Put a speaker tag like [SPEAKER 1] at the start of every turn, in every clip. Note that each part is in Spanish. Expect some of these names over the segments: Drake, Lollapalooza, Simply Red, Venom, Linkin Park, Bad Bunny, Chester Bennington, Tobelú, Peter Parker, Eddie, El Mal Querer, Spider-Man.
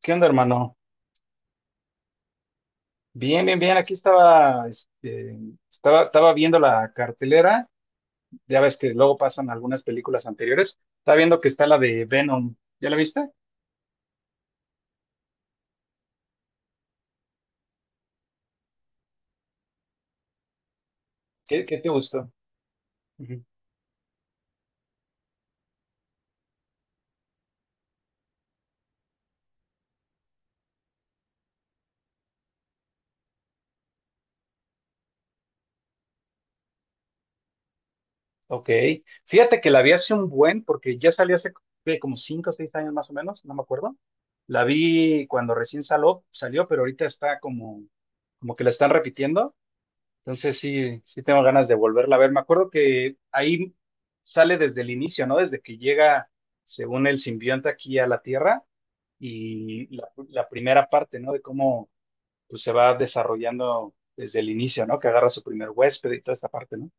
[SPEAKER 1] ¿Qué onda, hermano? Bien, bien, bien. Aquí estaba, estaba viendo la cartelera. Ya ves que luego pasan algunas películas anteriores. Estaba viendo que está la de Venom. ¿Ya la viste? Qué te gustó? Ujú. Ok. Fíjate que la vi hace un buen, porque ya salió hace ¿qué? Como cinco o seis años más o menos, no me acuerdo. La vi cuando recién salió, pero ahorita está como que la están repitiendo. Entonces sí tengo ganas de volverla a ver. Me acuerdo que ahí sale desde el inicio, ¿no? Desde que llega, según el simbionte aquí a la Tierra, y la primera parte, ¿no? De cómo pues, se va desarrollando desde el inicio, ¿no? Que agarra su primer huésped y toda esta parte, ¿no?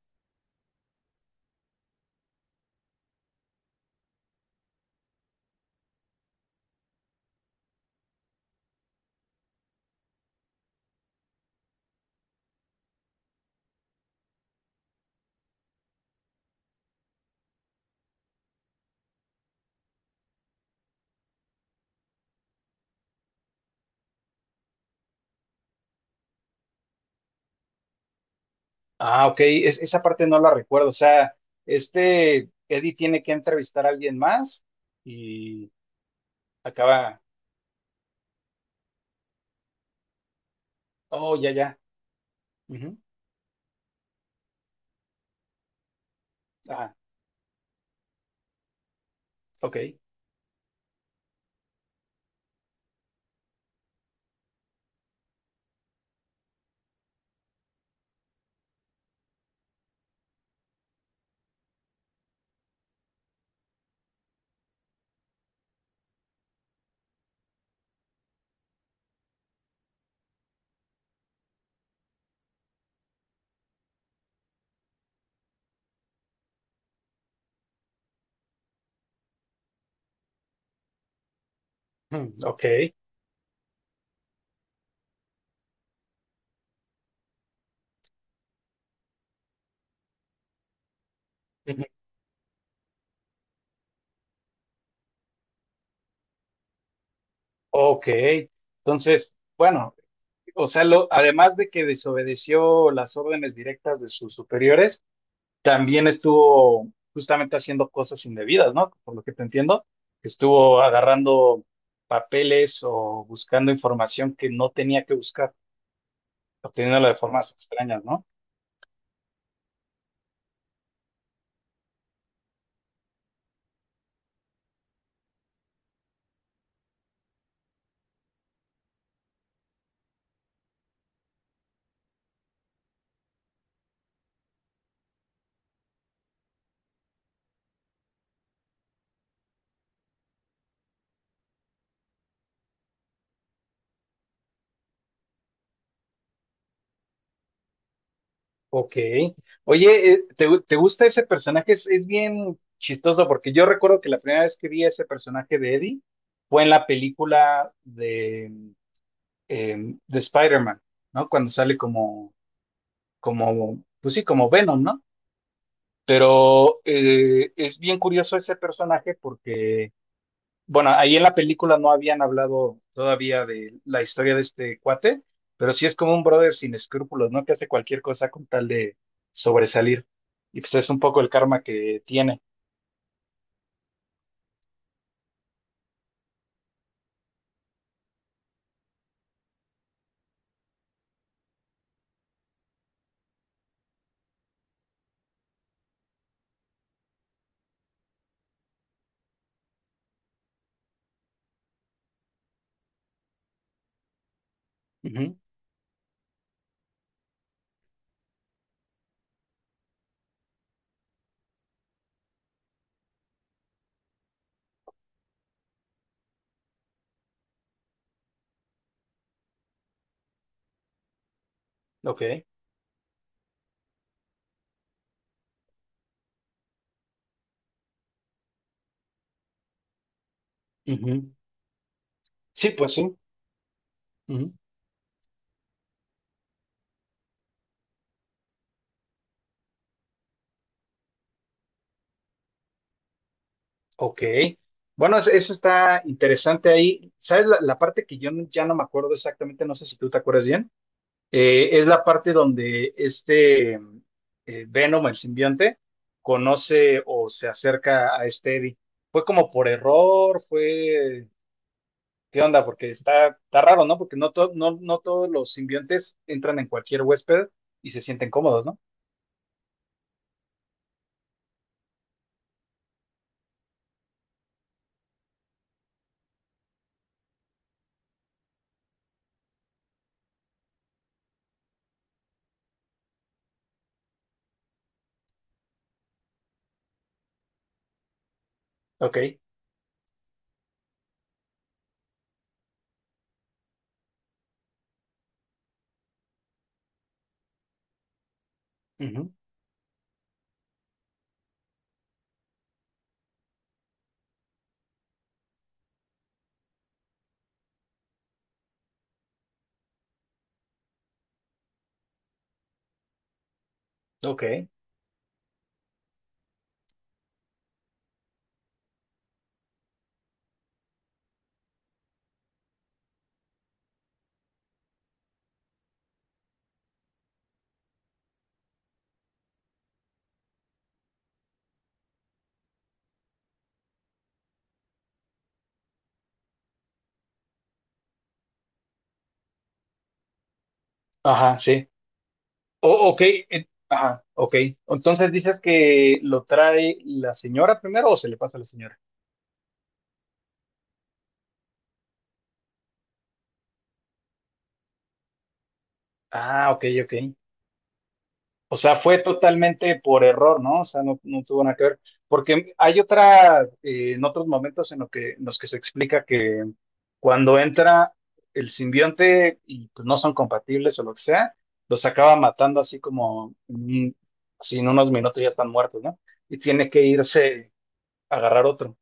[SPEAKER 1] Ah, ok, esa parte no la recuerdo. O sea, este Eddie tiene que entrevistar a alguien más y acaba. Oh, ya, ya. Ujú. Ah, ok. Mm, ok. Ok, entonces, bueno, o sea, lo, además de que desobedeció las órdenes directas de sus superiores, también estuvo justamente haciendo cosas indebidas, ¿no? Por lo que te entiendo, estuvo agarrando papeles o buscando información que no tenía que buscar, obteniéndola de formas extrañas, ¿no? Ok. Oye, te gusta ese personaje? Es bien chistoso porque yo recuerdo que la primera vez que vi ese personaje de Eddie fue en la película eh, de Spider-Man, ¿no? Cuando sale como, como, pues sí, como Venom, ¿no? Pero es bien curioso ese personaje porque, bueno, ahí en la película no habían hablado todavía de la historia de este cuate, pero sí es como un brother sin escrúpulos, ¿no? Que hace cualquier cosa con tal de sobresalir. Y pues es un poco el karma que tiene. Ujú. Ok. Ujú. Sí, pues sí. Ujú. Ok. Bueno, eso está interesante ahí. ¿Sabes la parte que yo ya no me acuerdo exactamente? No sé si tú te acuerdas bien. Es la parte donde este Venom, el simbionte, conoce o se acerca a este Eddie. ¿Fue como por error? ¿Fue... ¿Qué onda? Porque está, está raro, ¿no? Porque no, no todos los simbiontes entran en cualquier huésped y se sienten cómodos, ¿no? Ok. Ujú. Ok. Ajá, sí. Oh, ok, ajá, ok. Entonces dices que lo trae la señora primero o se le pasa a la señora. Ah, ok. O sea, fue totalmente por error, ¿no? O sea, no tuvo nada que ver. Porque hay otras, en otros momentos en, lo que, en los que se explica que cuando entra el simbionte y pues, no son compatibles o lo que sea, los acaba matando así como, mm, si en unos minutos ya están muertos, ¿no? Y tiene que irse a agarrar otro.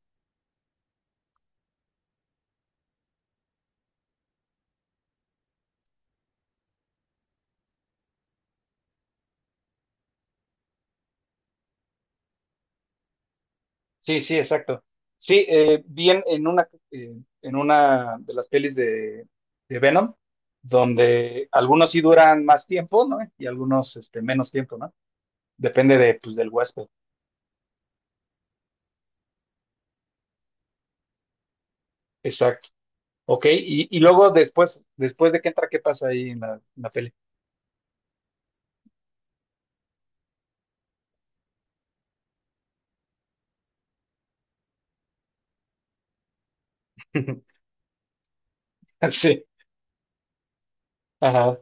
[SPEAKER 1] Sí, sí, exacto. Sí, vi en una de las pelis de Venom, donde algunos sí duran más tiempo, ¿no? Y algunos este, menos tiempo, ¿no? Depende de, pues, del huésped. Exacto. Ok, y luego después de que entra, ¿qué pasa ahí en en la peli? Sí, ajá.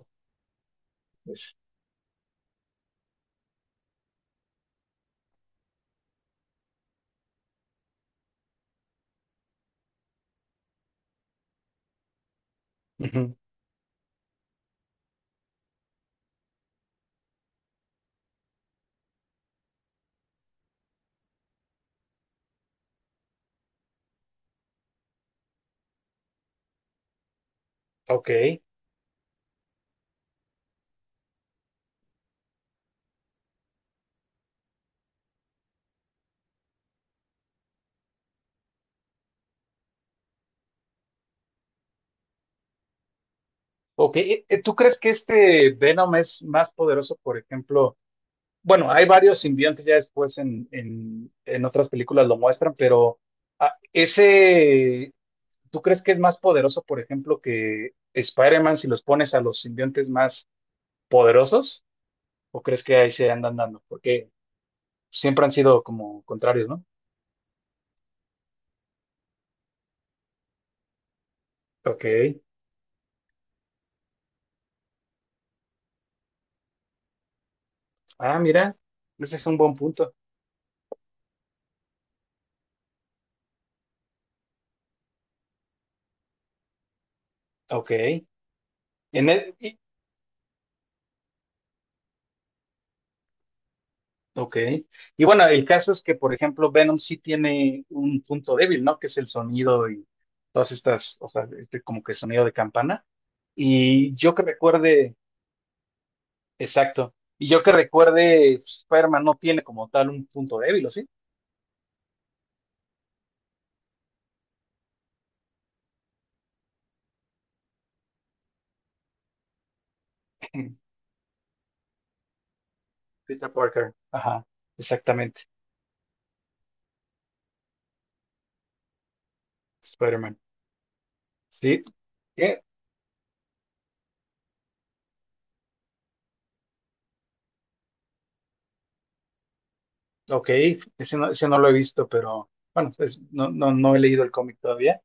[SPEAKER 1] Ujú. Ok, ok. ¿Tú crees que este Venom es más poderoso, por ejemplo? Bueno, hay varios simbiontes ya después en, en otras películas lo muestran, pero ese, ¿tú crees que es más poderoso, por ejemplo, que Spider-Man si los pones a los simbiontes más poderosos? ¿O crees que ahí se andan dando? Porque siempre han sido como contrarios, ¿no? Ok. Ah, mira, ese es un buen punto. Ok. Y, ok. Y bueno, el caso es que, por ejemplo, Venom sí tiene un punto débil, ¿no? Que es el sonido y todas estas, o sea, este como que sonido de campana. Y yo que recuerde, exacto. Y yo que recuerde, pues, Spider-Man no tiene como tal un punto débil, ¿o sí? Peter Parker. Ajá, exactamente. Spider-Man. Sí. ¿Qué? Ok. Ese ese no lo he visto, pero bueno, pues no, no he leído el cómic todavía.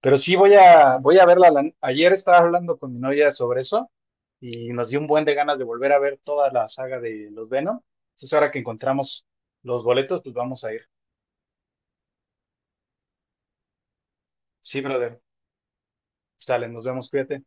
[SPEAKER 1] Pero sí voy voy a verla. La- Ayer estaba hablando con mi novia sobre eso y nos dio un buen de ganas de volver a ver toda la saga de los Venom. Entonces ahora que encontramos los boletos, pues vamos a ir. Sí, brother. Sale, nos vemos, cuídate.